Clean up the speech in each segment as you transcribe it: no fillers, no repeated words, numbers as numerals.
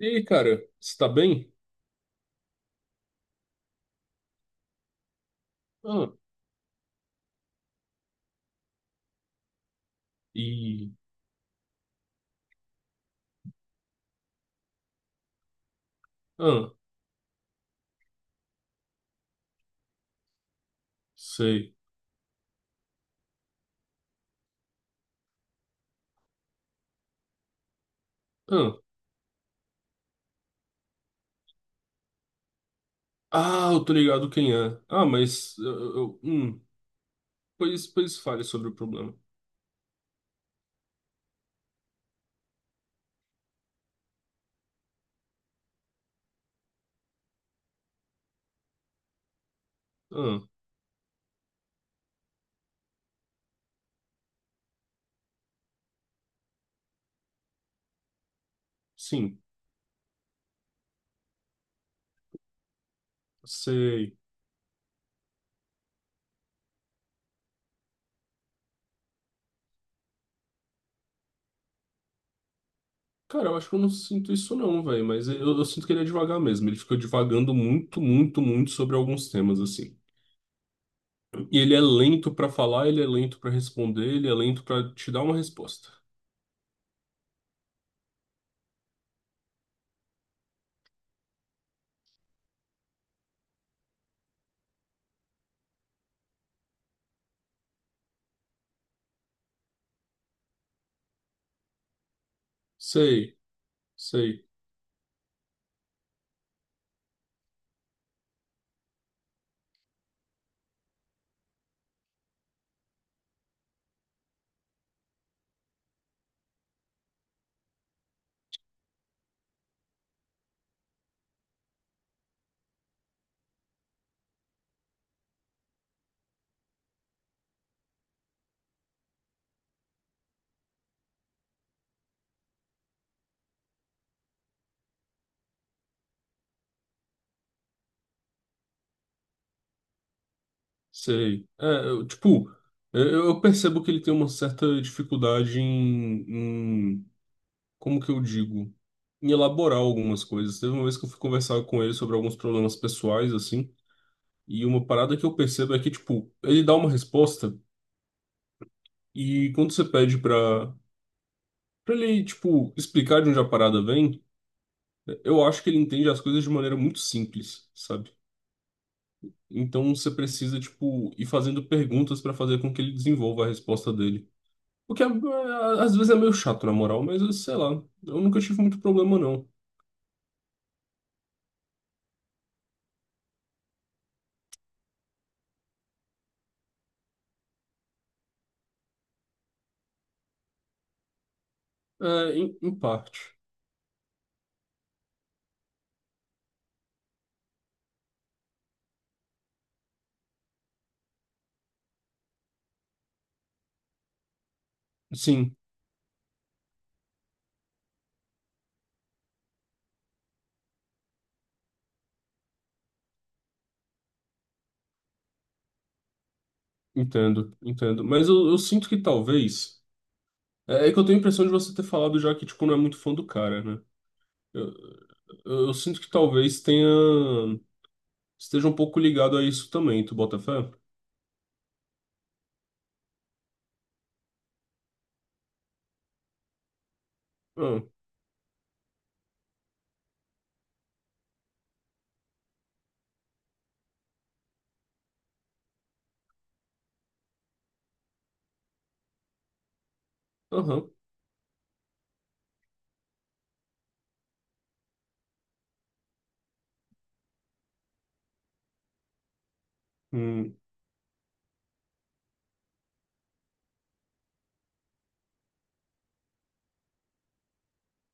E aí, cara, você tá bem? Ah, e. Ah, sei. Ah, eu tô ligado quem é. Ah, mas. Eu- pois fale sobre o problema. Ah, sim, sei. Cara, eu acho que eu não sinto isso não, velho, mas eu sinto que ele é devagar mesmo. Ele fica divagando muito, muito, muito sobre alguns temas, assim. E ele é lento pra falar, ele é lento pra responder, ele é lento pra te dar uma resposta. Sei, sei. Sei. É, eu, tipo, eu percebo que ele tem uma certa dificuldade em, como que eu digo? Em elaborar algumas coisas. Teve uma vez que eu fui conversar com ele sobre alguns problemas pessoais, assim, e uma parada que eu percebo é que, tipo, ele dá uma resposta e quando você pede pra ele, tipo, explicar de onde a parada vem, eu acho que ele entende as coisas de maneira muito simples, sabe? Então você precisa, tipo, ir fazendo perguntas pra fazer com que ele desenvolva a resposta dele. O que é- é, às vezes é meio chato, na moral, mas eu sei lá. Eu nunca tive muito problema, não. É, em parte. Sim, entendo, entendo. Mas eu sinto que talvez. É, é que eu tenho a impressão de você ter falado já que, tipo, não é muito fã do cara, né? Eu, eu sinto que talvez tenha. Esteja um pouco ligado a isso também, tu bota fé? Ah, aham. Hum,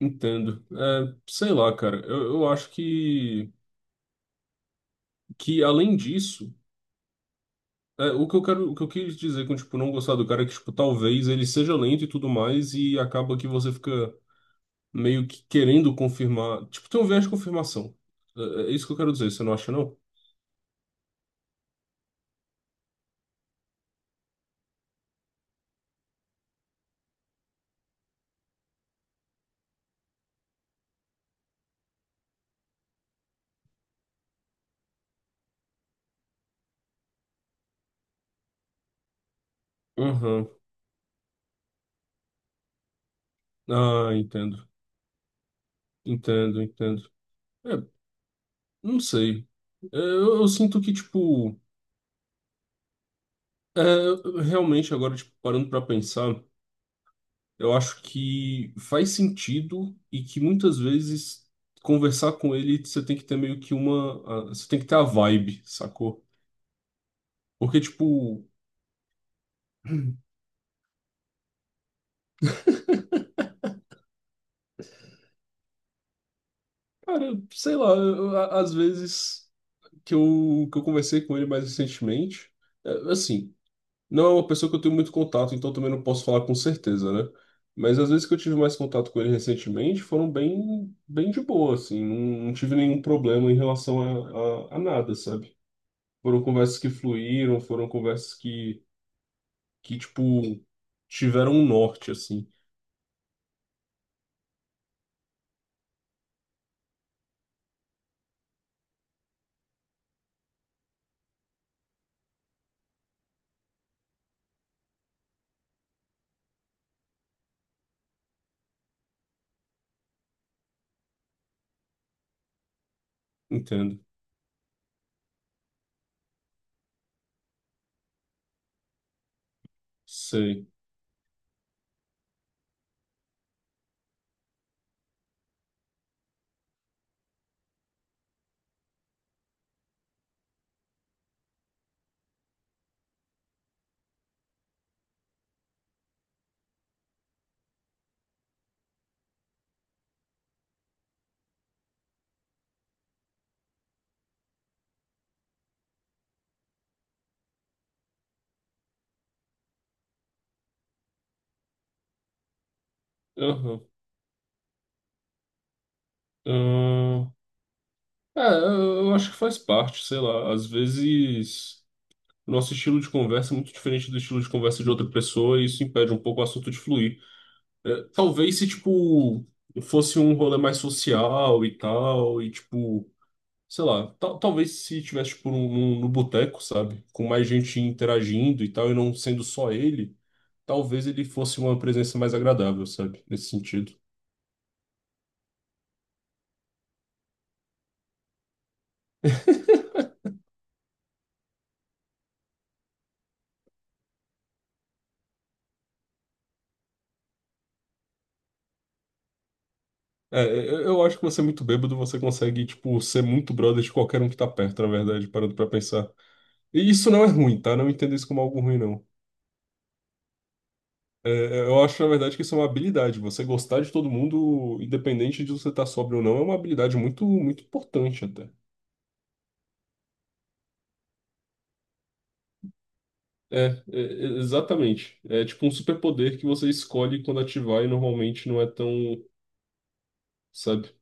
entendo. É, sei lá, cara. Eu acho que, além disso. É, o que eu quero, o que eu quis dizer com, tipo, não gostar do cara é que, tipo, talvez ele seja lento e tudo mais e acaba que você fica meio que querendo confirmar. Tipo, tem um viés de confirmação. É, é isso que eu quero dizer, você não acha, não? Aham. Ah, entendo. Entendo, entendo. É, não sei. É, eu sinto que, tipo. É, realmente, agora, tipo, parando pra pensar, eu acho que faz sentido e que muitas vezes conversar com ele você tem que ter meio que Você tem que ter a vibe, sacou? Porque, tipo, cara, sei lá, às vezes que eu conversei com ele mais recentemente, é, assim. Não é uma pessoa que eu tenho muito contato, então também não posso falar com certeza, né? Mas as vezes que eu tive mais contato com ele recentemente foram bem, bem de boa, assim. Não, não tive nenhum problema em relação a nada, sabe? Foram conversas que fluíram, foram conversas que tipo, tiveram um norte, assim. Entendo. Sei. Aham. Ahn. É, eu acho que faz parte, sei lá. Às vezes, nosso estilo de conversa é muito diferente do estilo de conversa de outra pessoa e isso impede um pouco o assunto de fluir. É, talvez se, tipo, fosse um rolê mais social e tal, e, tipo, sei lá, talvez se tivesse, tipo, no boteco, sabe? Com mais gente interagindo e tal, e não sendo só ele, talvez ele fosse uma presença mais agradável, sabe? Nesse sentido. Eu acho que você é muito bêbado, você consegue, tipo, ser muito brother de qualquer um que tá perto, na verdade, parando pra pensar. E isso não é ruim, tá? Não entenda isso como algo ruim, não. Eu acho, na verdade, que isso é uma habilidade. Você gostar de todo mundo, independente de você estar sóbrio ou não, é uma habilidade muito, muito importante até. Exatamente. É tipo um superpoder que você escolhe quando ativar e normalmente não é tão, sabe?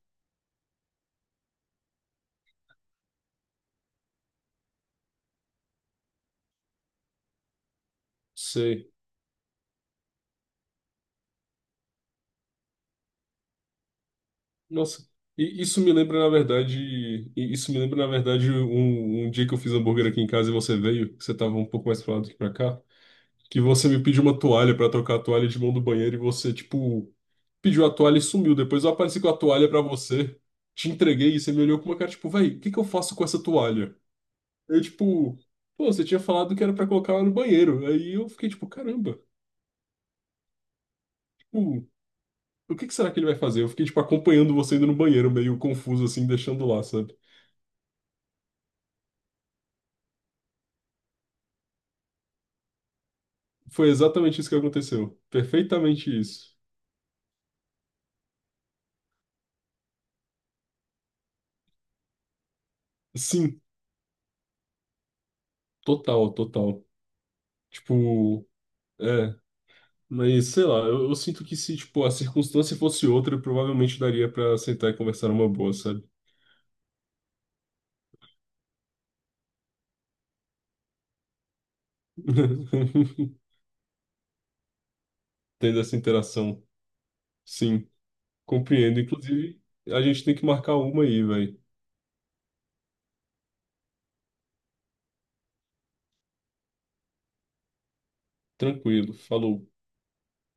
Sei. Nossa. E isso me lembra, na verdade, e isso me lembra, na verdade, um dia que eu fiz hambúrguer aqui em casa e você veio, que você tava um pouco mais pra lá do que pra cá, que você me pediu uma toalha pra trocar a toalha de mão do banheiro e você, tipo, pediu a toalha e sumiu. Depois eu apareci com a toalha pra você, te entreguei e você me olhou com uma cara tipo, véi, o que que eu faço com essa toalha? Eu, tipo, pô, você tinha falado que era pra colocar ela no banheiro. Aí eu fiquei tipo, caramba, tipo, o que que será que ele vai fazer? Eu fiquei, tipo, acompanhando você indo no banheiro, meio confuso assim, deixando lá, sabe? Foi exatamente isso que aconteceu. Perfeitamente isso. Sim, total, total. Tipo, é. Mas sei lá, eu sinto que se tipo a circunstância fosse outra, eu provavelmente daria pra sentar e conversar numa boa, sabe? Tendo essa interação. Sim, compreendo. Inclusive, a gente tem que marcar uma aí, velho. Tranquilo. Falou.